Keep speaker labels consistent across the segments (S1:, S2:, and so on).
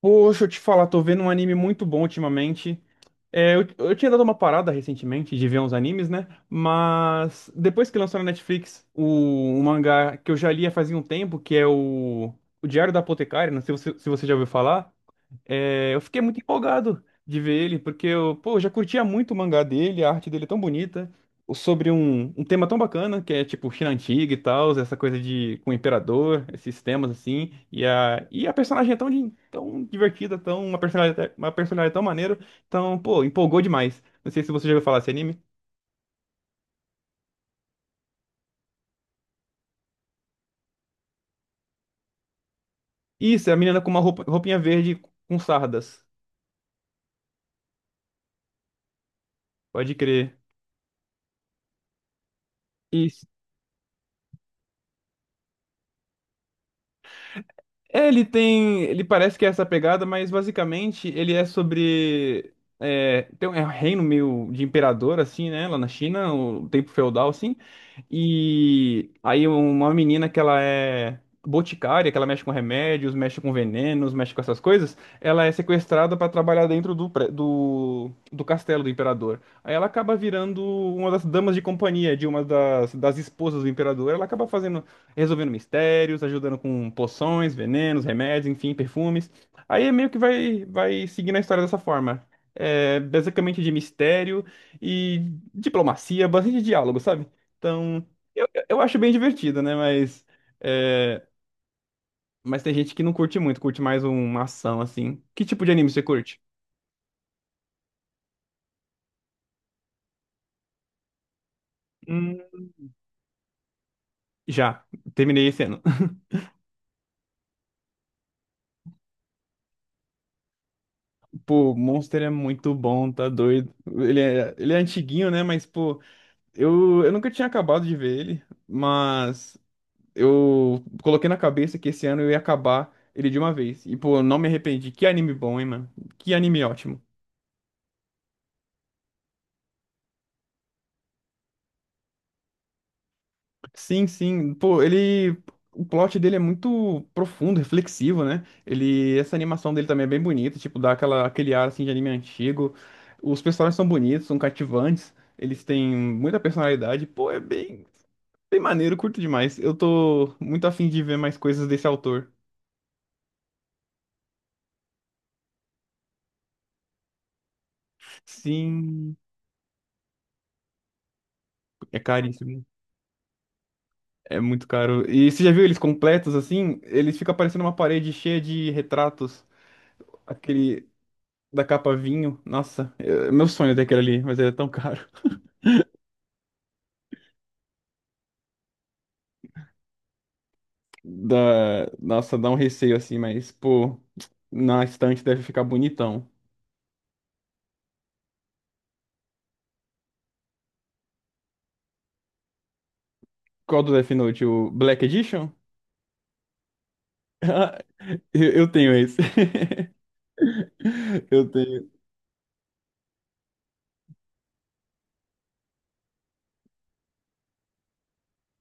S1: Poxa, eu te falar, tô vendo um anime muito bom ultimamente. É, eu tinha dado uma parada recentemente de ver uns animes, né? Mas depois que lançou na Netflix um mangá que eu já lia fazia um tempo, que é o Diário da Apotecária, não sei se você já ouviu falar. É, eu fiquei muito empolgado de ver ele, porque pô, eu já curtia muito o mangá dele, a arte dele é tão bonita, sobre um tema tão bacana, que é tipo China Antiga e tal, essa coisa de com o imperador, esses temas assim, e a personagem é tão divertida, tão, uma personalidade tão maneira, então, pô, empolgou demais. Não sei se você já ouviu falar desse anime. Isso, é a menina com uma roupa, roupinha verde com sardas, pode crer. É, ele tem. Ele parece que é essa pegada, mas basicamente ele é sobre. É, é um reino meio de imperador, assim, né? Lá na China, o tempo feudal, assim. E aí uma menina que ela é boticária, que ela mexe com remédios, mexe com venenos, mexe com essas coisas, ela é sequestrada pra trabalhar dentro do castelo do imperador. Aí ela acaba virando uma das damas de companhia de uma das esposas do imperador. Ela acaba fazendo resolvendo mistérios, ajudando com poções, venenos, remédios, enfim, perfumes. Aí meio que vai seguindo a história dessa forma. É basicamente de mistério e diplomacia, bastante diálogo, sabe? Então, eu acho bem divertido, né? É, mas tem gente que não curte muito, curte mais uma ação, assim. Que tipo de anime você curte? Hum, já, terminei esse ano. Pô, Monster é muito bom, tá doido. Ele é antiguinho, né? Mas, pô. Eu nunca tinha acabado de ver ele, mas eu coloquei na cabeça que esse ano eu ia acabar ele de uma vez. E, pô, eu não me arrependi. Que anime bom, hein, mano? Que anime ótimo. Sim, sim. Pô, ele. O plot dele é muito profundo, reflexivo, né? Ele. Essa animação dele também é bem bonita, tipo, dá aquela, aquele ar assim de anime antigo. Os personagens são bonitos, são cativantes, eles têm muita personalidade. Pô, é bem, bem maneiro, curto demais. Eu tô muito afim de ver mais coisas desse autor. Sim. É caríssimo. É muito caro. E você já viu eles completos assim? Eles ficam parecendo uma parede cheia de retratos. Aquele da capa vinho. Nossa, é meu sonho é ter aquele ali, mas ele é tão caro. Dá, nossa, dá um receio assim, mas, pô, na estante deve ficar bonitão. Qual do Death Note? O Black Edition? Ah, eu tenho esse. Eu tenho.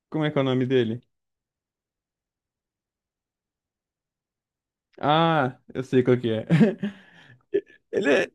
S1: Como é que é o nome dele? Ah, eu sei qual que é. Ele é.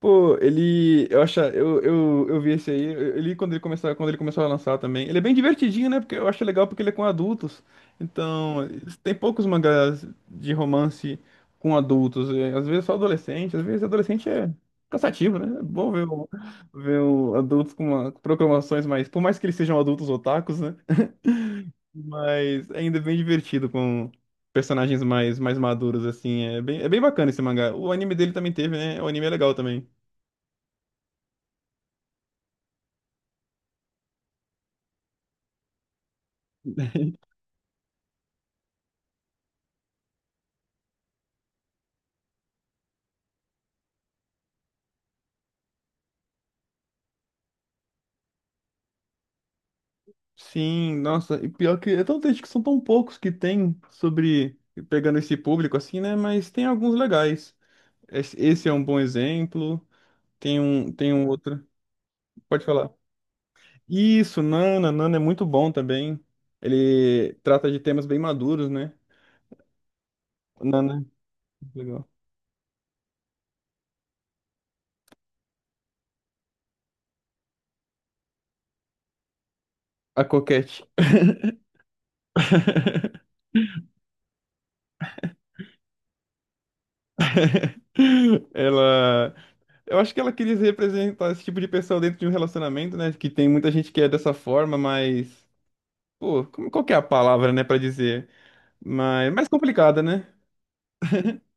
S1: Pô, ele. Eu acho. Eu vi esse aí. Ele, quando ele começou a lançar também. Ele é bem divertidinho, né? Porque eu acho legal porque ele é com adultos. Então, tem poucos mangás de romance com adultos. Às vezes só adolescente. Às vezes adolescente é cansativo, né? É bom ver um adultos com com proclamações mais. Por mais que eles sejam adultos otakus, né? Mas ainda é bem divertido com personagens mais maduros, assim. É bem bacana esse mangá. O anime dele também teve, né? O anime é legal também. Sim, nossa, e pior que é tão triste que são tão poucos que tem sobre pegando esse público assim, né? Mas tem alguns legais. Esse é um bom exemplo. Tem um outro. Pode falar. Isso, Nana, Nana é muito bom também. Ele trata de temas bem maduros, né? Nana, legal. A Coquette. Ela. Eu acho que ela queria representar esse tipo de pessoa dentro de um relacionamento, né? Que tem muita gente que é dessa forma, mas. Pô, qual que é a palavra, né, pra dizer? Mas mais complicada, né?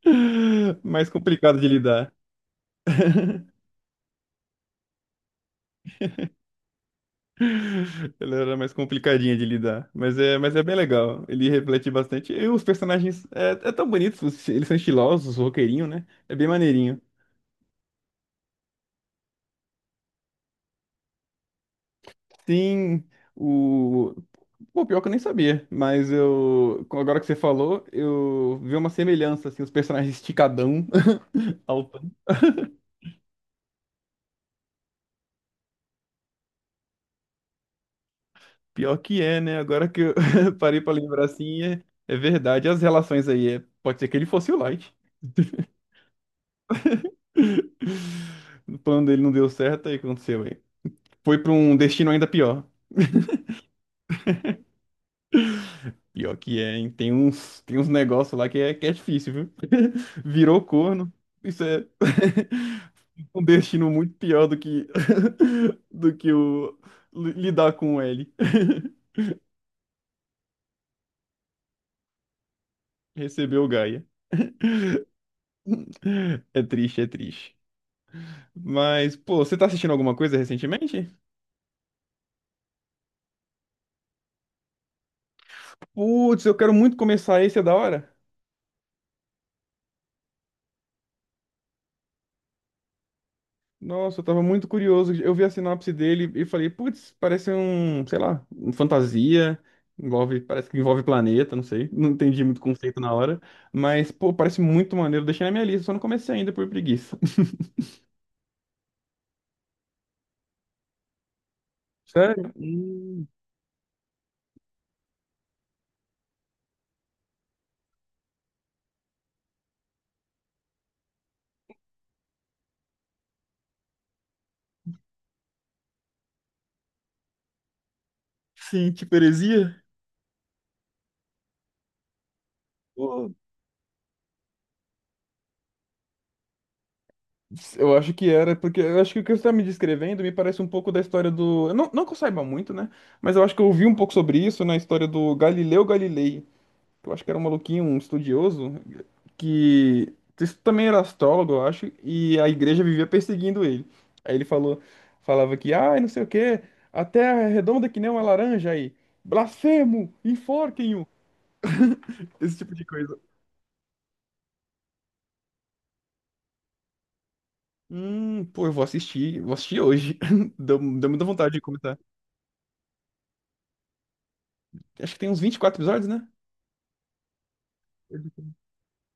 S1: Mais complicada de lidar. Ela era mais complicadinha de lidar. Mas é bem legal. Ele reflete bastante. E os personagens é tão bonitos. Eles são estilosos, roqueirinho, né? É bem maneirinho. Sim, o. Pô, pior que eu nem sabia. Mas eu. Agora que você falou, eu vi uma semelhança, assim, os personagens esticadão. Alto. Pior que é, né? Agora que eu parei pra lembrar assim, é verdade. As relações aí. Pode ser que ele fosse o Light. O plano dele não deu certo, aí o que aconteceu, aí? Foi pra um destino ainda pior. Pior que é, hein? Tem uns negócios lá que é difícil, viu? Virou corno. Isso é um destino muito pior do que do que o li- lidar com o L. Recebeu o Gaia. É triste, é triste. Mas, pô, você tá assistindo alguma coisa recentemente? Putz, eu quero muito começar esse, é da hora. Nossa, eu tava muito curioso. Eu vi a sinopse dele e falei, putz, parece um, sei lá, um fantasia. Envolve, parece que envolve planeta, não sei. Não entendi muito o conceito na hora. Mas, pô, parece muito maneiro. Deixei na minha lista, só não comecei ainda por preguiça. Sério? Sim, tipo heresia? Pô, eu acho que era, porque eu acho que o que você tá me descrevendo me parece um pouco da história do. Não, não que eu saiba muito, né? Mas eu acho que eu ouvi um pouco sobre isso na história do Galileu Galilei. Que Eu acho que era um maluquinho, um estudioso. Que isso também era astrólogo, eu acho, e a igreja vivia perseguindo ele. Aí ele falou, falava que, ai, não sei o quê, a terra é redonda que nem uma laranja aí. Blasfemo, enforquem-o, esse tipo de coisa. Pô, eu vou assistir hoje. Deu muita vontade de comentar. Acho que tem uns 24 episódios, né?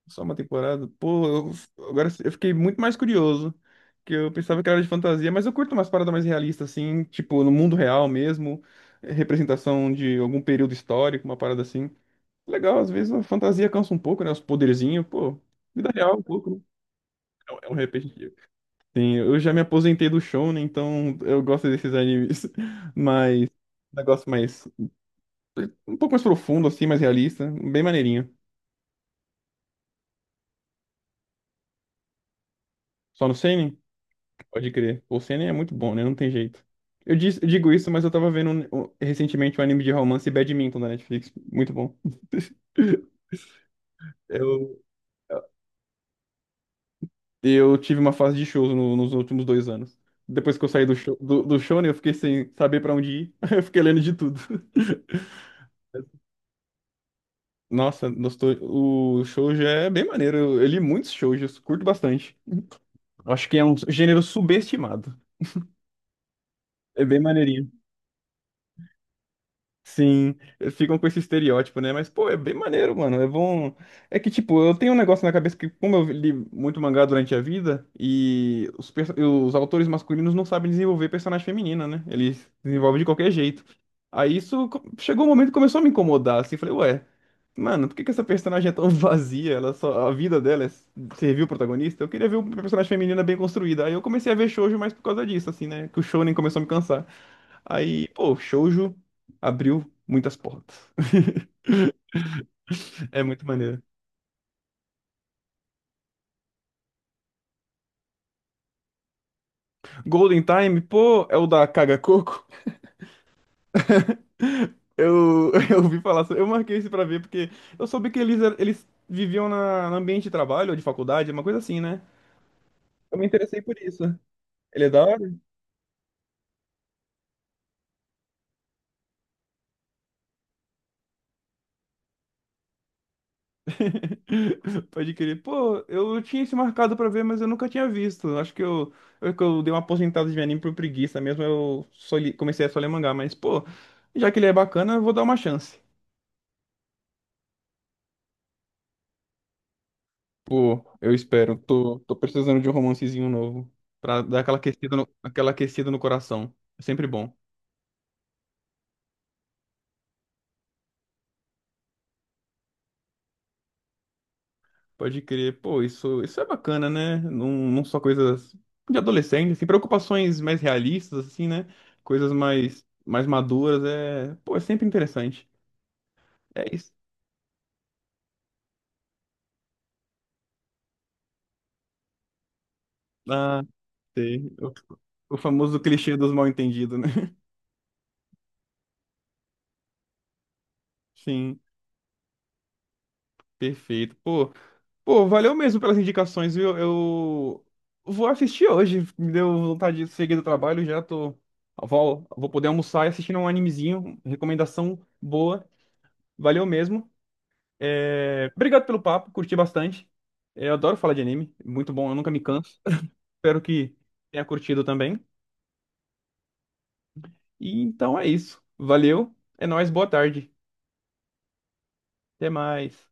S1: Só uma temporada? Pô, agora eu fiquei muito mais curioso. Que eu pensava que era de fantasia, mas eu curto umas paradas mais realistas, assim, tipo, no mundo real mesmo, representação de algum período histórico, uma parada assim. Legal, às vezes a fantasia cansa um pouco, né? Os poderzinhos, pô, vida real um pouco, né? É um repetitivo. Sim, eu já me aposentei do show, né? Então eu gosto desses animes, mas um negócio mais, um pouco mais profundo, assim, mais realista, bem maneirinho. Só no seinen? Pode crer. O Seinen é muito bom, né? Não tem jeito. Eu digo isso, mas eu tava vendo recentemente um anime de romance Badminton da Netflix. Muito bom. Eu, eu tive uma fase de shows nos últimos 2 anos. Depois que eu saí do Shonen, eu fiquei sem saber pra onde ir. Eu fiquei lendo de tudo. Nossa, o shoujo é bem maneiro. Eu li muitos shoujos, curto bastante. Eu acho que é um gênero subestimado. É bem maneirinho. Sim, ficam com esse estereótipo, né? Mas, pô, é bem maneiro, mano. É bom. É que, tipo, eu tenho um negócio na cabeça que, como eu li muito mangá durante a vida, e os autores masculinos não sabem desenvolver personagem feminina, né? Eles desenvolvem de qualquer jeito. Aí chegou um momento que começou a me incomodar, assim. Falei, ué, mano, por que que essa personagem é tão vazia? Ela só... A vida dela é servir o protagonista? Eu queria ver uma personagem feminina bem construída. Aí eu comecei a ver shoujo mais por causa disso, assim, né? Que o shounen começou a me cansar. Aí, pô, shoujo abriu muitas portas. É muito maneiro. Golden Time, pô, é o da Caga Coco. Eu, eu ouvi falar, eu marquei isso pra ver porque eu soube que eles viviam no ambiente de trabalho ou de faculdade, uma coisa assim, né? Eu me interessei por isso. Ele é da hora? Pode crer. Pô, eu tinha isso marcado pra ver, mas eu nunca tinha visto. Acho que que eu dei uma aposentada de anime por preguiça mesmo. Eu comecei a só ler mangá, mas, pô, já que ele é bacana, eu vou dar uma chance. Pô, eu espero. Tô precisando de um romancezinho novo. Pra dar aquela aquecida no coração. É sempre bom. Pode crer. Pô, isso é bacana, né? Não, não só coisas de adolescente, assim, preocupações mais realistas, assim, né? Coisas mais, mais maduras. É, pô, é sempre interessante. É isso. Ah, sei. O famoso clichê dos mal-entendidos, né? Sim, perfeito. Pô. Pô, valeu mesmo pelas indicações, viu? Eu vou assistir hoje. Me deu vontade de seguir do trabalho, já tô. Vou poder almoçar e assistir um animezinho. Recomendação boa. Valeu mesmo. É, obrigado pelo papo, curti bastante. É, eu adoro falar de anime, muito bom, eu nunca me canso. Espero que tenha curtido também. E então é isso. Valeu, é nóis, boa tarde. Até mais.